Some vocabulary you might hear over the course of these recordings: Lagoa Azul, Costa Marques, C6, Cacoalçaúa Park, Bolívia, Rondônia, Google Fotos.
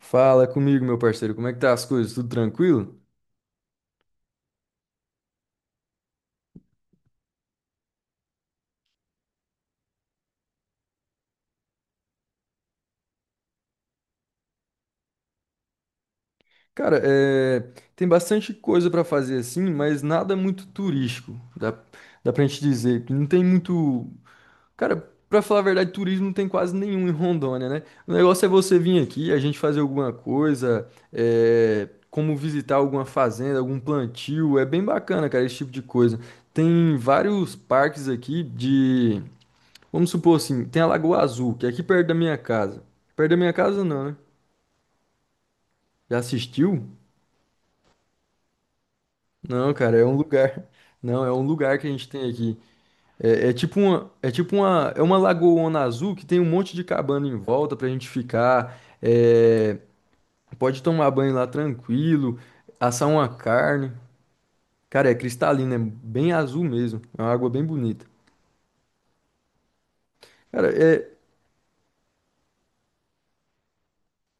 Fala comigo, meu parceiro, como é que tá as coisas? Tudo tranquilo? Cara, tem bastante coisa pra fazer assim, mas nada muito turístico. Dá pra gente dizer que não tem muito. Cara, pra falar a verdade, turismo não tem quase nenhum em Rondônia, né? O negócio é você vir aqui, a gente fazer alguma coisa, é, como visitar alguma fazenda, algum plantio. É bem bacana, cara, esse tipo de coisa. Tem vários parques aqui de. Vamos supor assim, tem a Lagoa Azul, que é aqui perto da minha casa. Perto da minha casa não, né? Já assistiu? Não, cara, é um lugar. Não, é um lugar que a gente tem aqui. É, é tipo uma, é uma lagoona azul que tem um monte de cabana em volta pra gente ficar. É, pode tomar banho lá tranquilo, assar uma carne. Cara, é cristalina, é bem azul mesmo. É uma água bem bonita. Cara, é,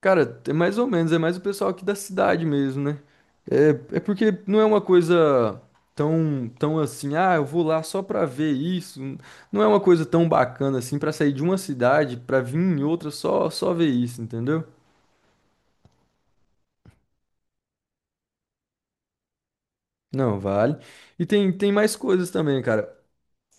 cara, é mais ou menos, é mais o pessoal aqui da cidade mesmo, né? É, é porque não é uma coisa tão assim, ah, eu vou lá só pra ver isso. Não é uma coisa tão bacana assim pra sair de uma cidade pra vir em outra só ver isso, entendeu? Não, vale. E tem mais coisas também, cara.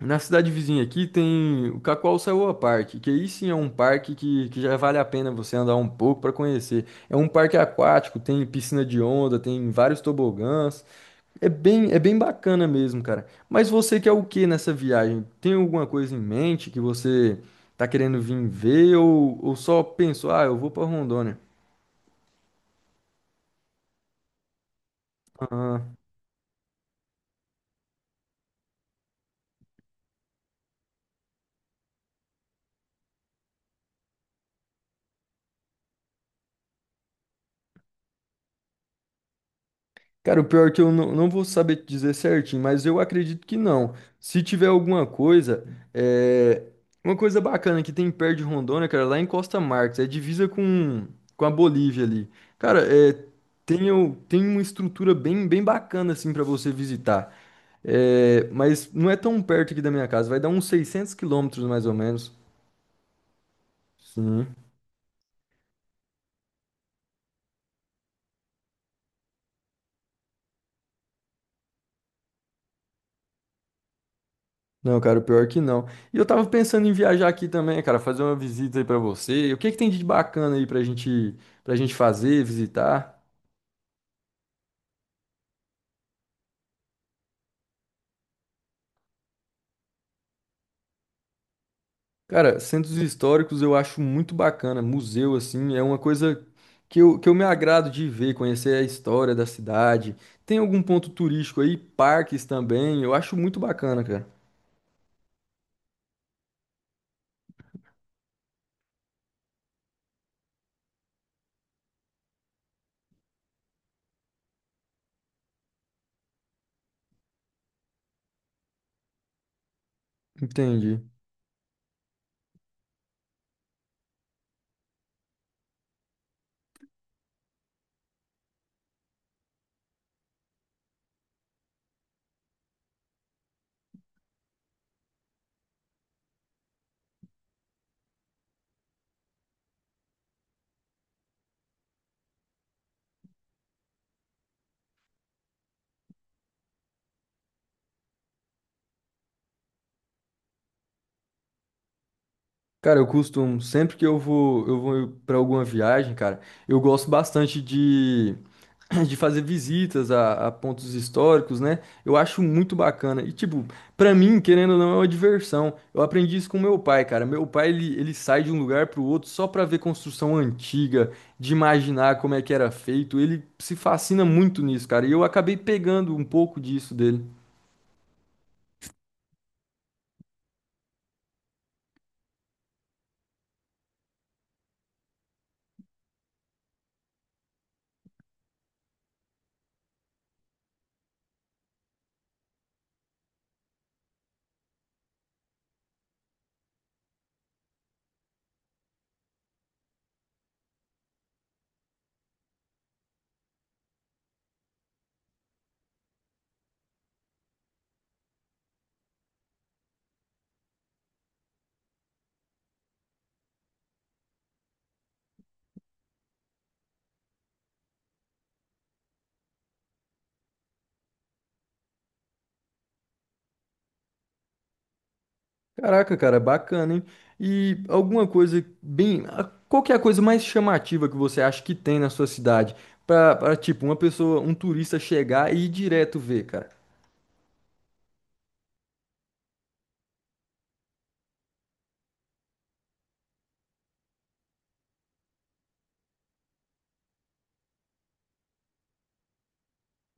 Na cidade vizinha aqui tem o Cacoalçaúa Park, que aí sim é um parque que já vale a pena você andar um pouco para conhecer. É um parque aquático, tem piscina de onda, tem vários tobogãs. É bem bacana mesmo, cara. Mas você quer o que nessa viagem? Tem alguma coisa em mente que você tá querendo vir ver ou só pensou, ah, eu vou pra Rondônia? Aham. Cara, o pior é que eu não, não vou saber te dizer certinho, mas eu acredito que não. Se tiver alguma coisa, é... uma coisa bacana que tem perto de Rondônia, cara, lá em Costa Marques, é divisa com a Bolívia ali. Cara, é... tem, tem uma estrutura bem bacana assim para você visitar. É... Mas não é tão perto aqui da minha casa, vai dar uns 600 km mais ou menos. Sim. Não, cara, o pior é que não. E eu tava pensando em viajar aqui também, cara, fazer uma visita aí pra você. O que que tem de bacana aí pra gente fazer, visitar? Cara, centros históricos eu acho muito bacana. Museu, assim, é uma coisa que eu me agrado de ver, conhecer a história da cidade. Tem algum ponto turístico aí, parques também, eu acho muito bacana, cara. Entendi. Cara, eu costumo, sempre que eu vou para alguma viagem, cara, eu gosto bastante de, de fazer visitas a pontos históricos, né? Eu acho muito bacana. E, tipo, pra mim, querendo ou não, é uma diversão. Eu aprendi isso com meu pai, cara. Meu pai, ele sai de um lugar pro outro só pra ver construção antiga, de imaginar como é que era feito. Ele se fascina muito nisso, cara. E eu acabei pegando um pouco disso dele. Caraca, cara, bacana, hein? E alguma coisa bem. Qual que é a coisa mais chamativa que você acha que tem na sua cidade? Tipo, uma pessoa, um turista chegar e ir direto ver, cara.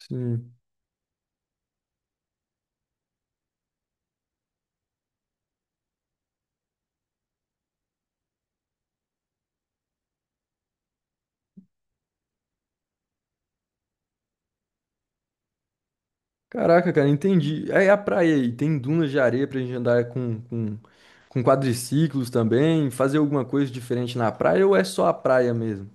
Sim. Caraca, cara, entendi. Aí a praia aí, tem dunas de areia pra gente andar com quadriciclos também, fazer alguma coisa diferente na praia ou é só a praia mesmo?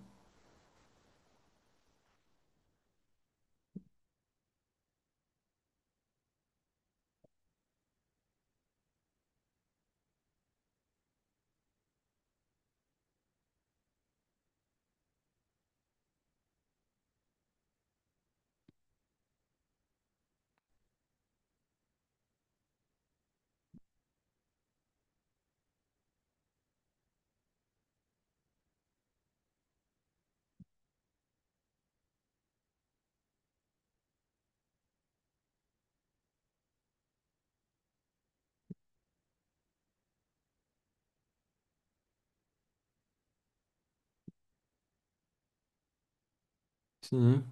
Sim.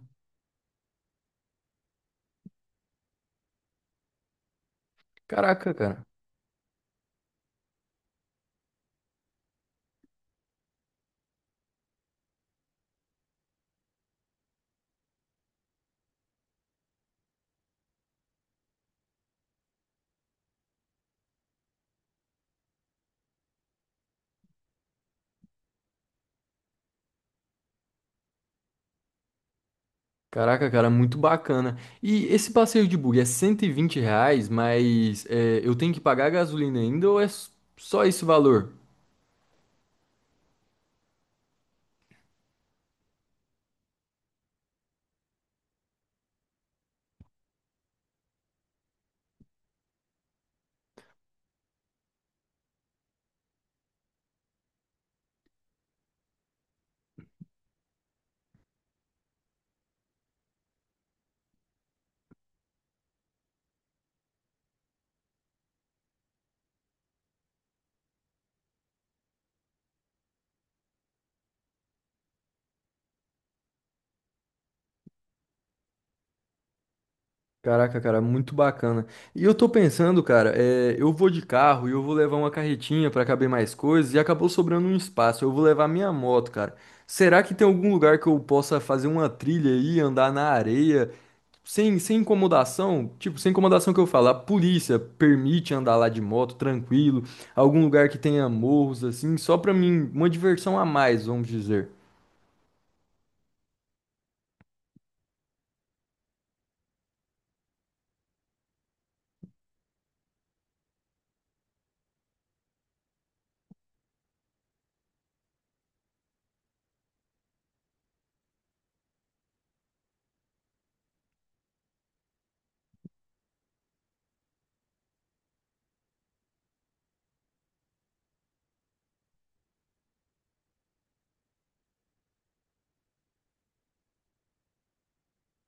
Caraca, cara. Caraca, cara, muito bacana. E esse passeio de bug é R$ 120, mas é, eu tenho que pagar a gasolina ainda ou é só esse valor? Caraca, cara, muito bacana. E eu tô pensando, cara, é, eu vou de carro e eu vou levar uma carretinha pra caber mais coisas e acabou sobrando um espaço. Eu vou levar minha moto, cara. Será que tem algum lugar que eu possa fazer uma trilha aí, andar na areia, sem incomodação? Tipo, sem incomodação que eu falo, a polícia permite andar lá de moto, tranquilo, algum lugar que tenha morros, assim, só pra mim, uma diversão a mais, vamos dizer.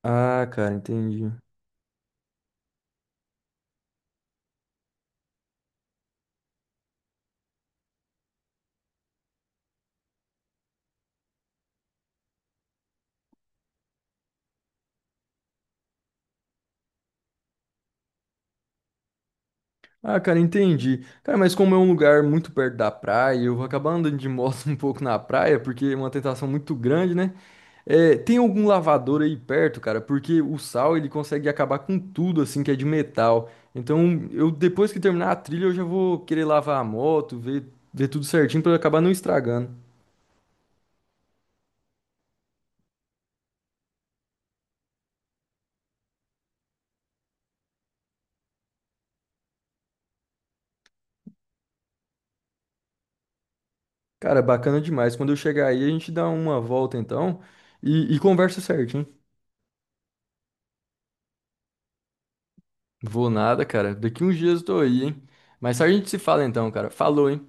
Ah, cara, entendi. Ah, cara, entendi. Cara, mas como é um lugar muito perto da praia, eu vou acabar andando de moto um pouco na praia, porque é uma tentação muito grande, né? É, tem algum lavador aí perto, cara? Porque o sal ele consegue acabar com tudo assim que é de metal. Então, eu depois que terminar a trilha, eu já vou querer lavar a moto, ver tudo certinho pra eu acabar não estragando. Cara, bacana demais. Quando eu chegar aí, a gente dá uma volta então e conversa certinho. Vou nada, cara. Daqui uns dias eu tô aí, hein? Mas a gente se fala então, cara. Falou, hein?